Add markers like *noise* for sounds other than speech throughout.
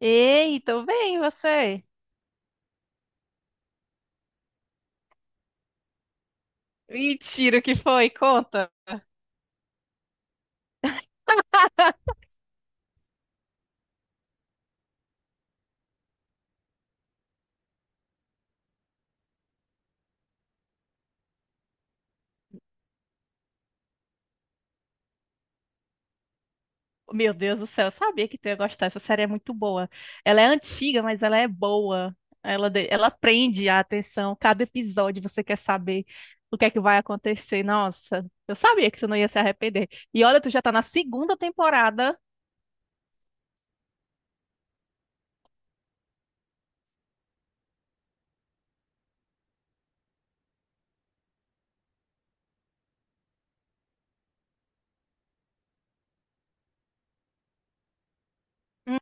Ei, tô bem, e você? Mentira, o que foi? Conta. Meu Deus do céu, eu sabia que tu ia gostar. Essa série é muito boa. Ela é antiga, mas ela é boa. Ela, ela prende a atenção. Cada episódio você quer saber o que é que vai acontecer. Nossa, eu sabia que tu não ia se arrepender. E olha, tu já tá na segunda temporada. Hum,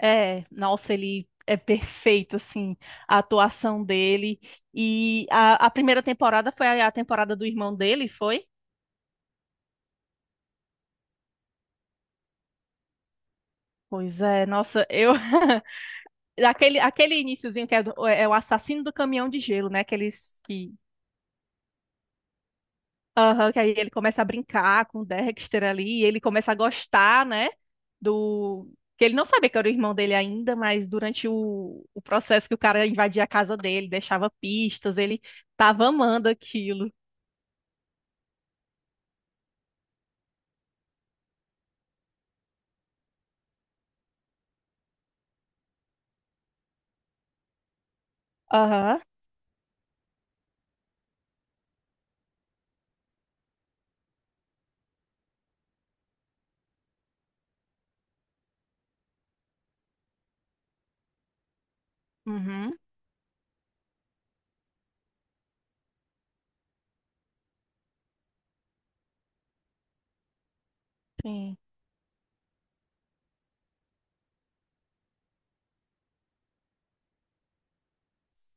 É, nossa, ele é perfeito, assim, a atuação dele. E a primeira temporada foi a temporada do irmão dele, foi? Pois é, nossa, eu. *laughs* Aquele, aquele iniciozinho que é, é o assassino do caminhão de gelo, né? Aqueles que. Aham, que aí ele começa a brincar com o Dexter ali, e ele começa a gostar, né? Do. Que ele não sabia que era o irmão dele ainda, mas durante o processo que o cara invadia a casa dele, deixava pistas, ele tava amando aquilo. Aham. Uhum. Sim.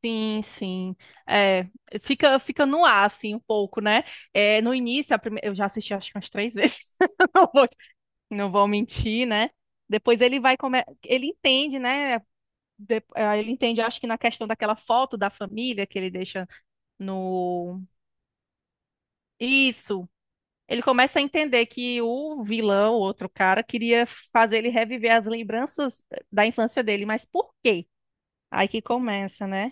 Sim, sim. É, fica, fica no ar, assim, um pouco, né? É, no início, eu já assisti acho que umas três *laughs* vezes, não vou, não vou mentir, né? Depois ele vai come... ele entende, né? Ele entende, acho que na questão daquela foto da família que ele deixa no... Isso. Ele começa a entender que o vilão, o outro cara, queria fazer ele reviver as lembranças da infância dele, mas por quê? Aí que começa, né?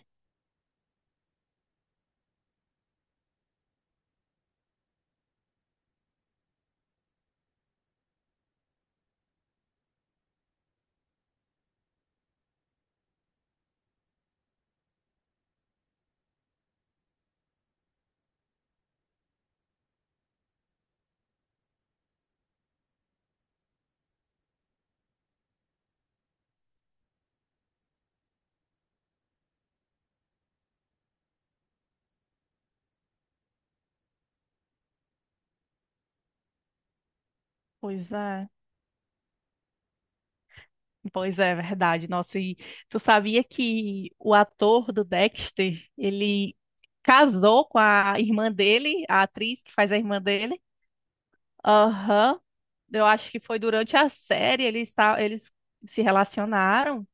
Pois é. Pois é, verdade. Nossa, e tu sabia que o ator do Dexter, ele casou com a irmã dele, a atriz que faz a irmã dele? Aham. Eu acho que foi durante a série, eles se relacionaram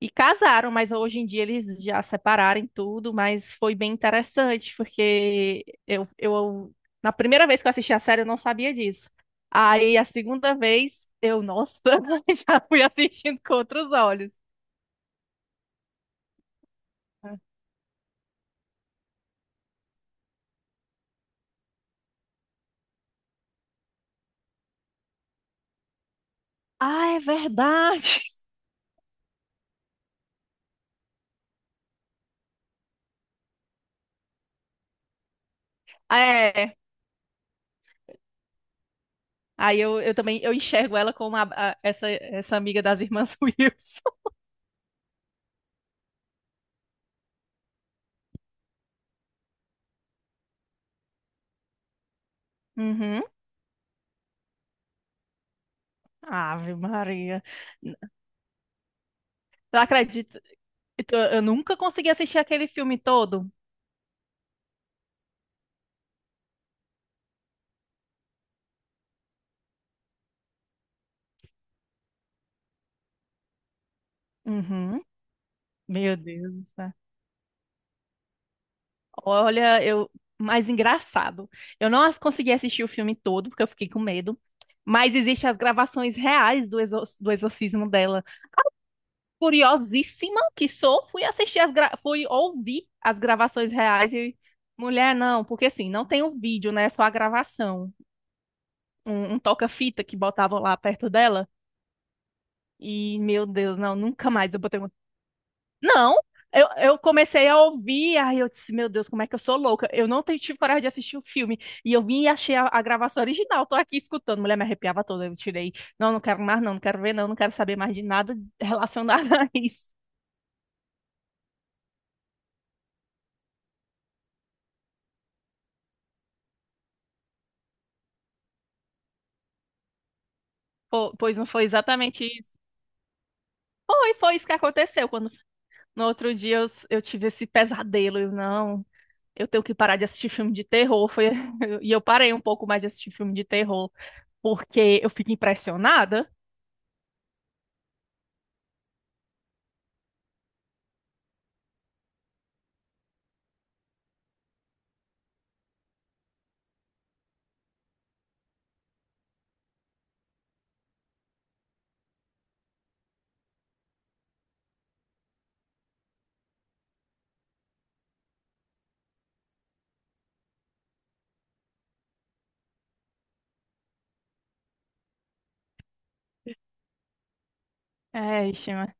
e casaram, mas hoje em dia eles já separaram e tudo, mas foi bem interessante, porque eu na primeira vez que eu assisti a série eu não sabia disso. Aí a segunda vez eu, nossa, *laughs* já fui assistindo com outros olhos. Ah, é verdade. *laughs* Ah, é. Aí eu também eu enxergo ela como essa, essa amiga das irmãs *laughs* Wilson. Uhum. Ave Maria. N- Eu acredito. Eu nunca consegui assistir aquele filme todo. Uhum. Meu Deus do céu. Olha, eu. Mais engraçado. Eu não as- Consegui assistir o filme todo, porque eu fiquei com medo. Mas existem as gravações reais do exorcismo dela. Curiosíssima que sou, fui ouvir as gravações reais e mulher não, porque assim, não tem o vídeo, né? Só a gravação. Um toca-fita que botavam lá perto dela e meu Deus, não, nunca mais eu botei um... Não, eu comecei a ouvir, aí eu disse, meu Deus, como é que eu sou louca? Eu não te- Tive coragem de assistir o filme. E eu vim e achei a gravação original, tô aqui escutando. Mulher, me arrepiava toda, eu tirei. Não, não quero mais, não, não quero ver, não, não quero saber mais de nada *laughs* relacionado a isso. Pois não foi exatamente isso. Foi, foi isso que aconteceu. Quando no outro dia eu tive esse pesadelo. Eu não, eu tenho que parar de assistir filme de terror. Foi, *laughs* e eu parei um pouco mais de assistir filme de terror, porque eu fico impressionada. É, ixi, mas-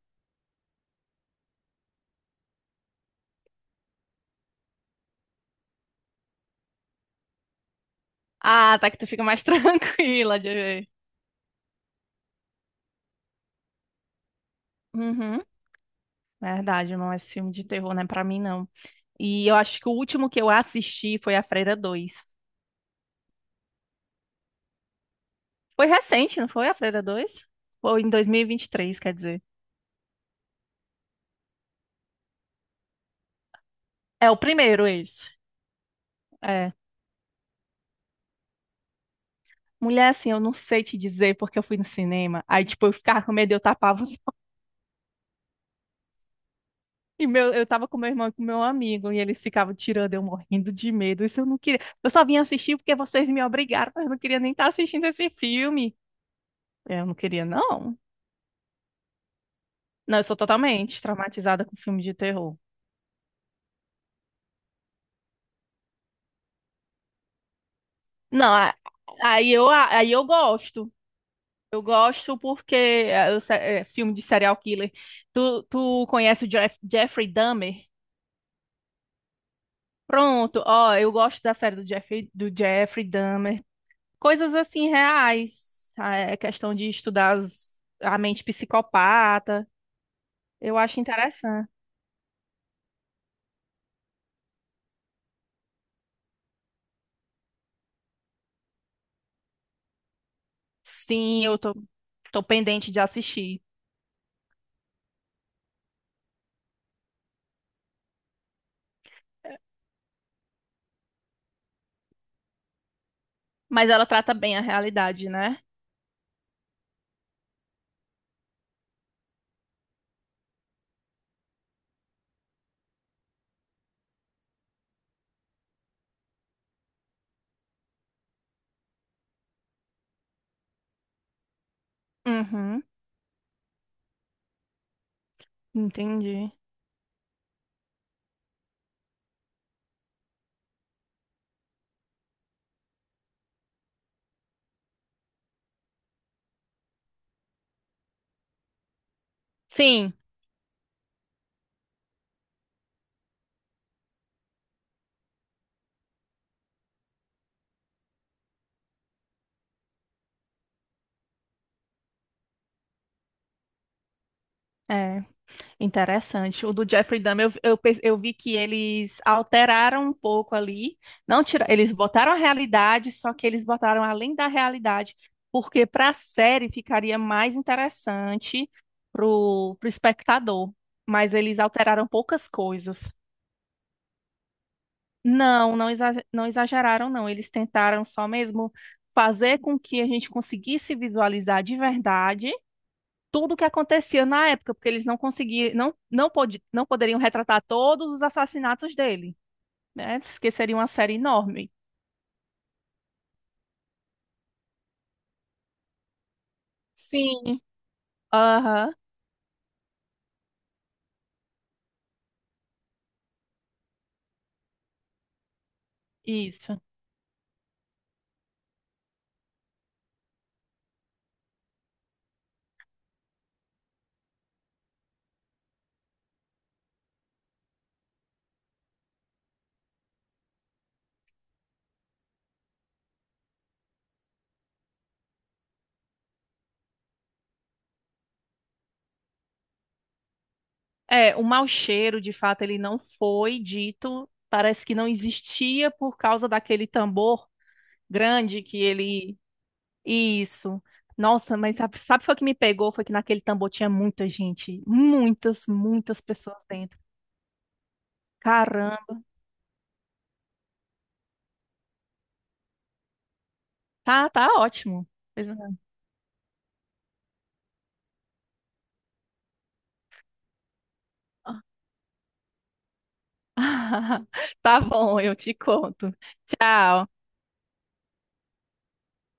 Ah, tá que tu fica mais *laughs* tranquila de ver. Uhum, verdade, não é esse filme de terror, não é pra mim, não. E eu acho que o último que eu assisti foi A Freira dois. Foi recente, não foi? A Freira dois? Foi em dois mil e vinte e três, quer dizer. É o primeiro, esse. É. Mulher, assim, eu não sei te dizer porque eu fui no cinema. Aí, tipo, eu ficava com medo, eu tapava os... *laughs* E meu, eu tava com meu irmão e com meu amigo, e eles ficavam tirando, eu morrendo de medo. Isso eu não queria. Eu só vim assistir porque vocês me obrigaram, mas eu não queria nem estar assistindo esse filme. Eu não queria, não. Não, eu sou totalmente traumatizada com filme de terror. Não, a- Aí aí eu gosto. Eu gosto porque é, filme de serial killer. Tu, tu conhece o Jeffrey Dahmer? Pronto, ó, eu gosto da série do Jeffrey Dahmer. Coisas assim reais, a é questão de estudar a mente psicopata, eu acho interessante. Sim, eu tô, tô pendente de assistir, mas ela trata bem a realidade, né? Uhum, entendi. Sim, é. Interessante. O do Jeffrey Dahmer, eu vi que eles alteraram um pouco ali. Não tira, eles botaram a realidade, só que eles botaram além da realidade, porque para a série ficaria mais interessante pro, pro espectador. Mas eles alteraram poucas coisas. Não, não, não exageraram, não. Eles tentaram só mesmo fazer com que a gente conseguisse visualizar de verdade tudo o que acontecia na época, porque eles não conseguiam, não, não, não poderiam retratar todos os assassinatos dele, né? Que seria uma série enorme. Sim. Aham, isso. É, o mau cheiro, de fato, ele não foi dito, parece que não existia por causa daquele tambor grande que ele. Isso. Nossa, mas sabe, sabe foi o que me pegou? Foi que naquele tambor tinha muita gente, muitas, muitas pessoas dentro. Caramba, tá, tá ótimo. Pois é. *laughs* Tá bom, eu te conto. Tchau.